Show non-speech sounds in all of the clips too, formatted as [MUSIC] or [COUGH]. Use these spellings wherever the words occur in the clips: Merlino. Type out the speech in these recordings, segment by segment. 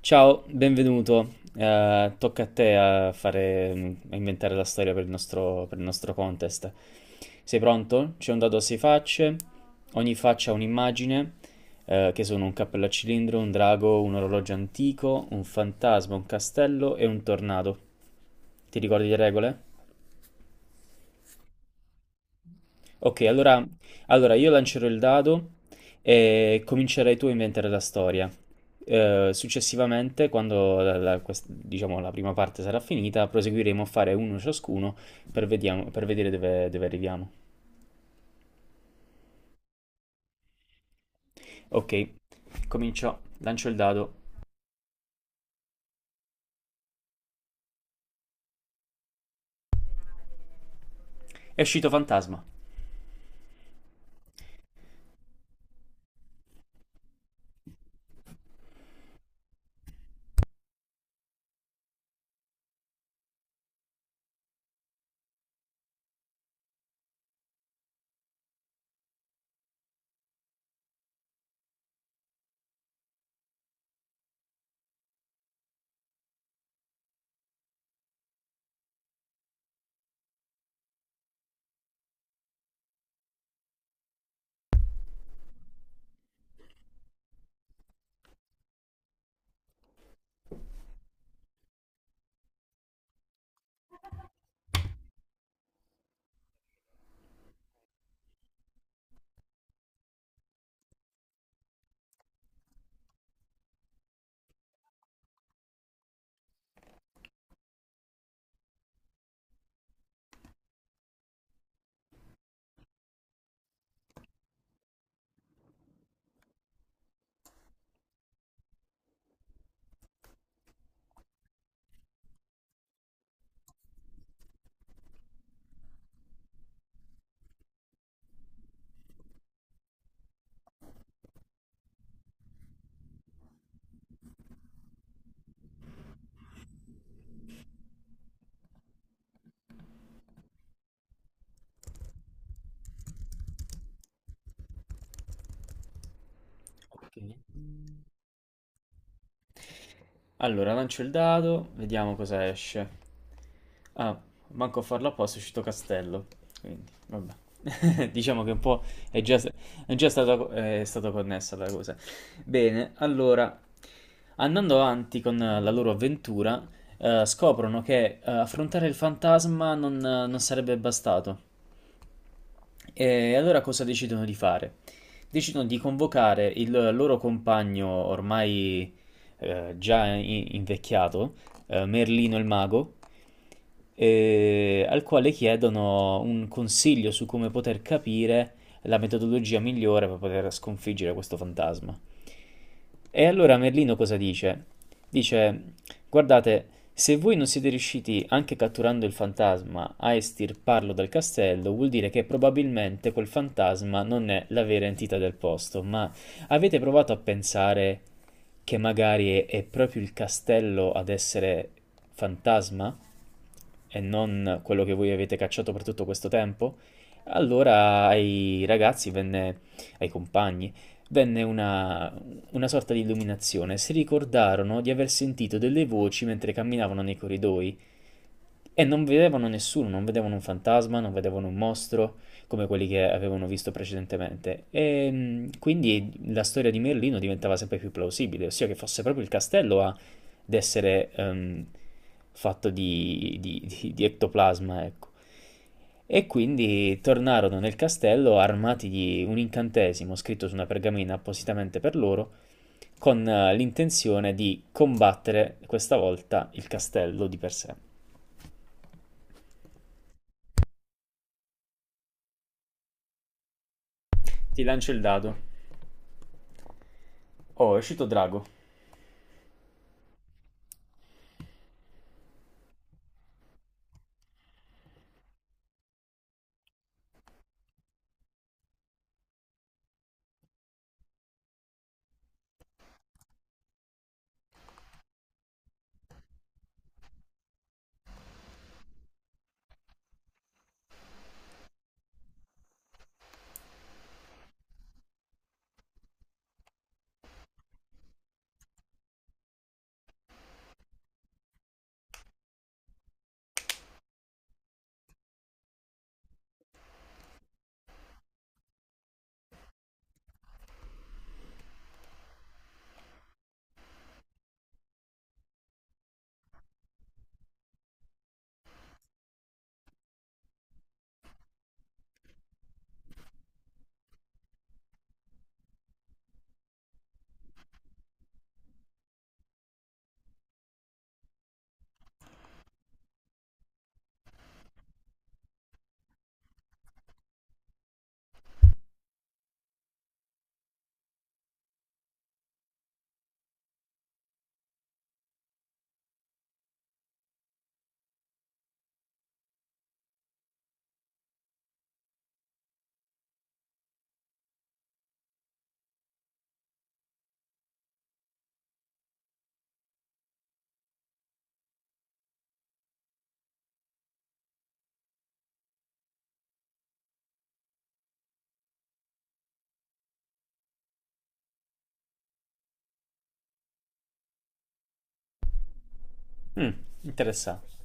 Ciao, benvenuto. Tocca a te a inventare la storia per il nostro contest. Sei pronto? C'è un dado a sei facce, ogni faccia ha un'immagine, che sono un cappello a cilindro, un drago, un orologio antico, un fantasma, un castello e un tornado. Ti ricordi le regole? Ok, allora io lancerò il dado e comincerai tu a inventare la storia. Successivamente, quando diciamo, la prima parte sarà finita, proseguiremo a fare uno ciascuno per vedere dove arriviamo. Ok, comincio, lancio il dado. È uscito fantasma. Ok. Allora, lancio il dado, vediamo cosa esce. Ah, manco a farlo apposta, è uscito castello. Quindi, vabbè. [LAUGHS] Diciamo che un po' è già, è stata connessa la cosa. Bene, allora, andando avanti con la loro avventura, scoprono che affrontare il fantasma non sarebbe bastato. E allora cosa decidono di fare? Decidono di convocare il loro compagno ormai già invecchiato, Merlino il mago, al quale chiedono un consiglio su come poter capire la metodologia migliore per poter sconfiggere questo fantasma. E allora Merlino cosa dice? Dice, guardate, se voi non siete riusciti, anche catturando il fantasma, a estirparlo dal castello, vuol dire che probabilmente quel fantasma non è la vera entità del posto, ma avete provato a pensare che magari è proprio il castello ad essere fantasma e non quello che voi avete cacciato per tutto questo tempo? Allora ai ragazzi venne, ai compagni, venne una sorta di illuminazione, si ricordarono di aver sentito delle voci mentre camminavano nei corridoi e non vedevano nessuno, non vedevano un fantasma, non vedevano un mostro come quelli che avevano visto precedentemente. E quindi la storia di Merlino diventava sempre più plausibile, ossia che fosse proprio il castello ad essere fatto di ectoplasma, ecco. E quindi tornarono nel castello armati di un incantesimo scritto su una pergamena appositamente per loro con l'intenzione di combattere questa volta il castello di per sé. Ti lancio il dado. Oh, è uscito drago. Mm, interessante.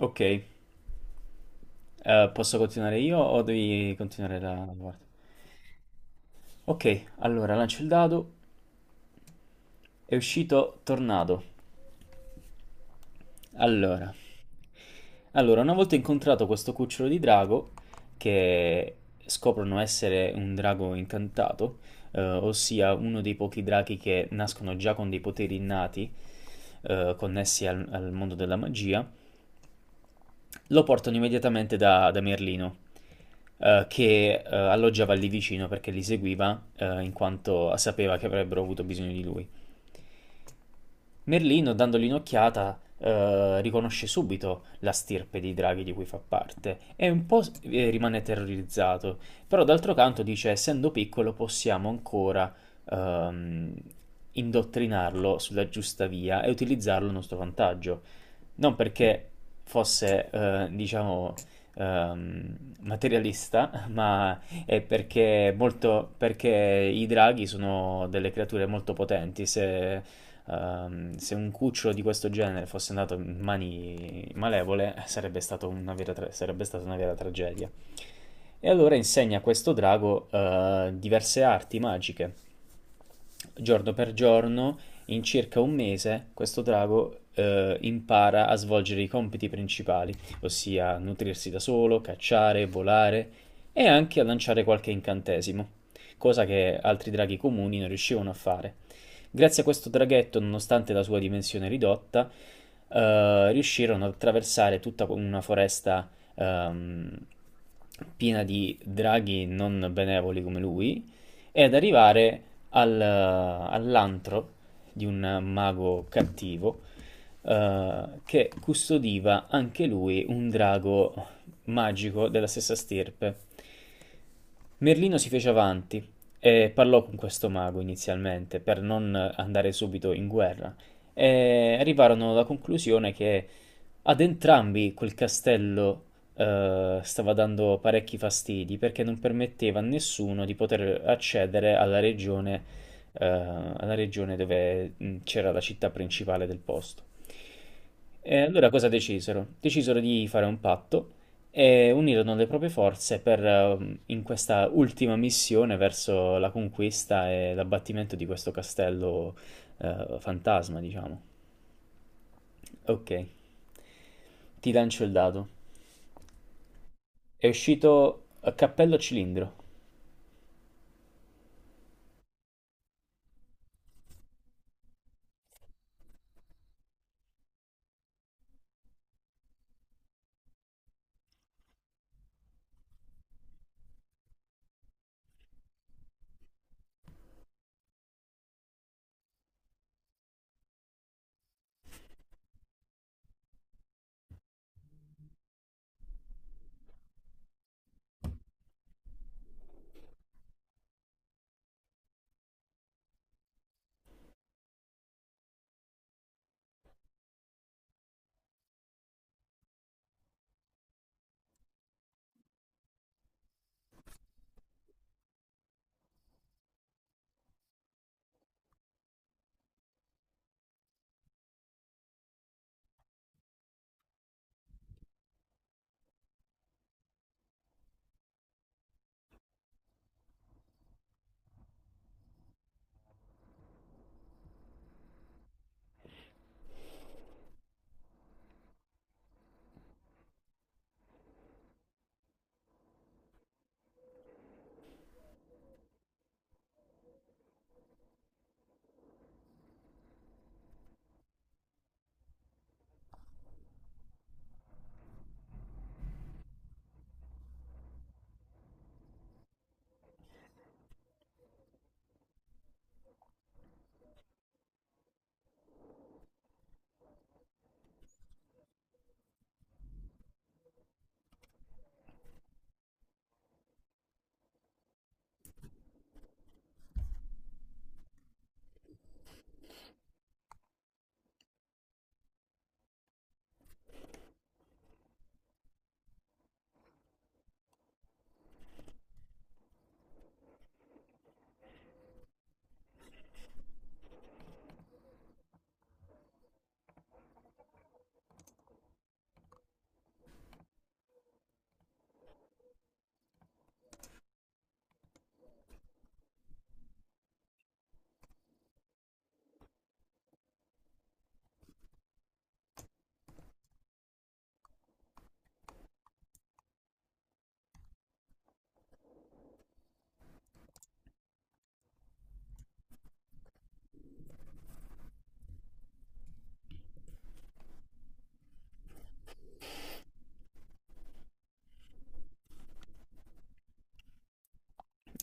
Ok, posso continuare io o devi continuare la guardia? Ok, allora lancio il dado. È uscito tornado. Allora, Allora, una volta incontrato questo cucciolo di drago, che scoprono essere un drago incantato, ossia uno dei pochi draghi che nascono già con dei poteri innati, connessi al mondo della magia, lo portano immediatamente da Merlino, che alloggiava lì vicino perché li seguiva, in quanto sapeva che avrebbero avuto bisogno di lui. Merlino, dandogli un'occhiata, riconosce subito la stirpe dei draghi di cui fa parte e un po' rimane terrorizzato, però d'altro canto dice, essendo piccolo possiamo ancora ehm, indottrinarlo sulla giusta via e utilizzarlo a nostro vantaggio non perché fosse, diciamo, materialista, [LAUGHS] ma è perché i draghi sono delle creature molto potenti. Se un cucciolo di questo genere fosse andato in mani malevole, sarebbe stata una vera tragedia. E allora insegna a questo drago diverse arti magiche giorno per giorno, in circa un mese, questo drago impara a svolgere i compiti principali, ossia nutrirsi da solo, cacciare, volare e anche a lanciare qualche incantesimo, cosa che altri draghi comuni non riuscivano a fare. Grazie a questo draghetto, nonostante la sua dimensione ridotta, riuscirono ad attraversare tutta una foresta ehm, piena di draghi non benevoli come lui ed arrivare all'antro di un mago cattivo che custodiva anche lui un drago magico della stessa stirpe. Merlino si fece avanti e parlò con questo mago inizialmente per non andare subito in guerra e arrivarono alla conclusione che ad entrambi quel castello stava dando parecchi fastidi perché non permetteva a nessuno di poter accedere alla regione, alla regione dove c'era la città principale del posto. E allora cosa decisero? Decisero di fare un patto e unirono le proprie forze in questa ultima missione verso la conquista e l'abbattimento di questo castello, fantasma, diciamo. Ok, ti lancio il dado. È uscito a cappello a cilindro.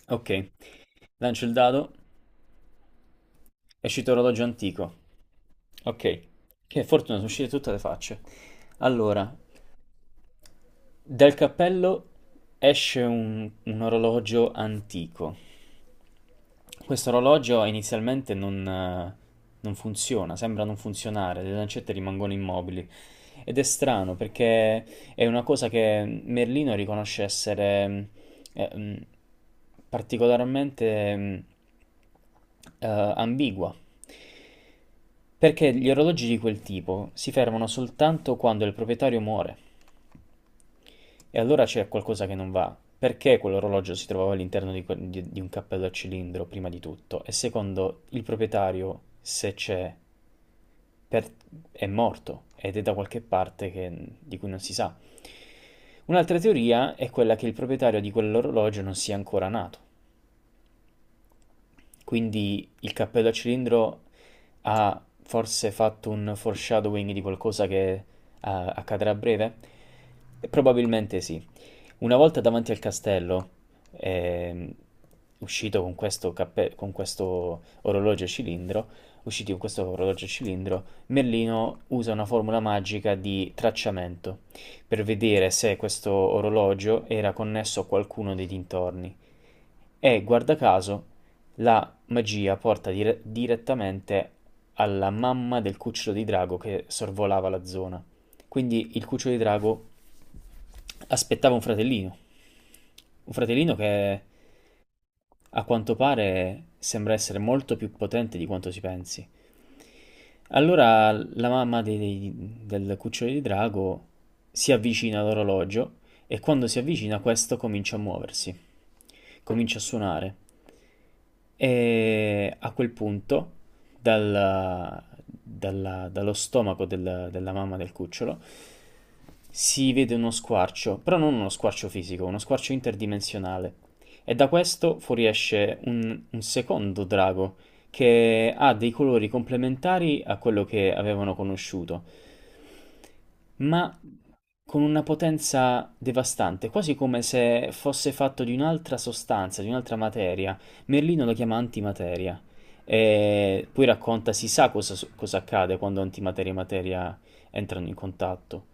Ok, lancio il dado, è uscito orologio antico. Ok, che fortuna, sono uscite tutte le facce. Allora, dal cappello esce un orologio antico. Questo orologio inizialmente non funziona, sembra non funzionare, le lancette rimangono immobili. Ed è strano perché è una cosa che Merlino riconosce essere eh, mh, particolarmente eh, ambigua. Perché gli orologi di quel tipo si fermano soltanto quando il proprietario muore. E allora c'è qualcosa che non va. Perché quell'orologio si trovava all'interno di un cappello a cilindro, prima di tutto? E secondo, il proprietario, se c'è, per- è morto ed è da qualche parte di cui non si sa. Un'altra teoria è quella che il proprietario di quell'orologio non sia ancora nato. Quindi il cappello a cilindro ha forse fatto un foreshadowing di qualcosa che accadrà a breve? Probabilmente sì. Una volta davanti al castello, ehm, uscito con con questo orologio a cilindro, usciti con questo orologio a cilindro, Merlino usa una formula magica di tracciamento per vedere se questo orologio era connesso a qualcuno dei dintorni. E guarda caso, la magia porta direttamente alla mamma del cucciolo di drago che sorvolava la zona. Quindi il cucciolo di drago aspettava un fratellino. Un fratellino che a quanto pare sembra essere molto più potente di quanto si pensi. Allora la mamma del cucciolo di drago si avvicina all'orologio e quando si avvicina questo comincia a muoversi comincia a suonare. E a quel punto, dallo stomaco della mamma del cucciolo, si vede uno squarcio, però non uno squarcio fisico, uno squarcio interdimensionale. E da questo fuoriesce un secondo drago che ha dei colori complementari a quello che avevano conosciuto, ma con una potenza devastante, quasi come se fosse fatto di un'altra sostanza, di un'altra materia. Merlino lo chiama antimateria. E poi racconta, si sa cosa accade quando antimateria e materia entrano in contatto.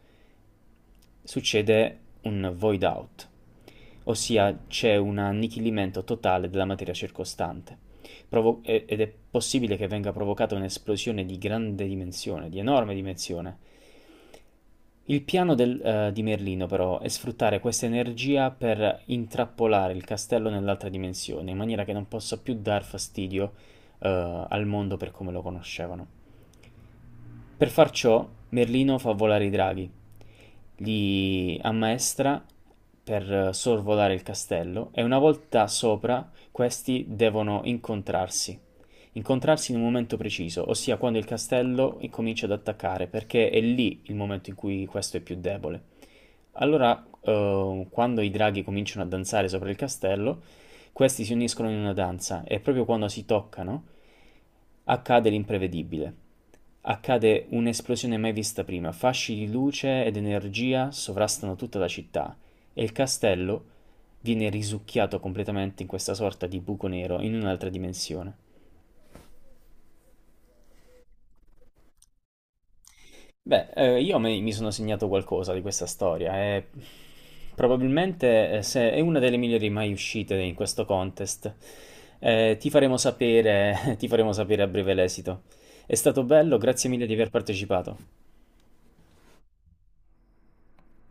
Succede un void out, ossia c'è un annichilimento totale della materia circostante. Ed è possibile che venga provocata un'esplosione di grande dimensione, di enorme dimensione, il piano di Merlino, però, è sfruttare questa energia per intrappolare il castello nell'altra dimensione, in maniera che non possa più dar fastidio, al mondo per come lo conoscevano. Per far ciò, Merlino fa volare i draghi, li ammaestra per sorvolare il castello e una volta sopra questi devono incontrarsi. Incontrarsi in un momento preciso, ossia quando il castello incomincia ad attaccare, perché è lì il momento in cui questo è più debole. Allora, quando i draghi cominciano a danzare sopra il castello, questi si uniscono in una danza e proprio quando si toccano accade l'imprevedibile. Accade un'esplosione mai vista prima, fasci di luce ed energia sovrastano tutta la città e il castello viene risucchiato completamente in questa sorta di buco nero in un'altra dimensione. Beh, io mi sono segnato qualcosa di questa storia e probabilmente se è una delle migliori mai uscite in questo contest. Ti faremo sapere, [LAUGHS] ti faremo sapere a breve l'esito. È stato bello, grazie mille di aver partecipato.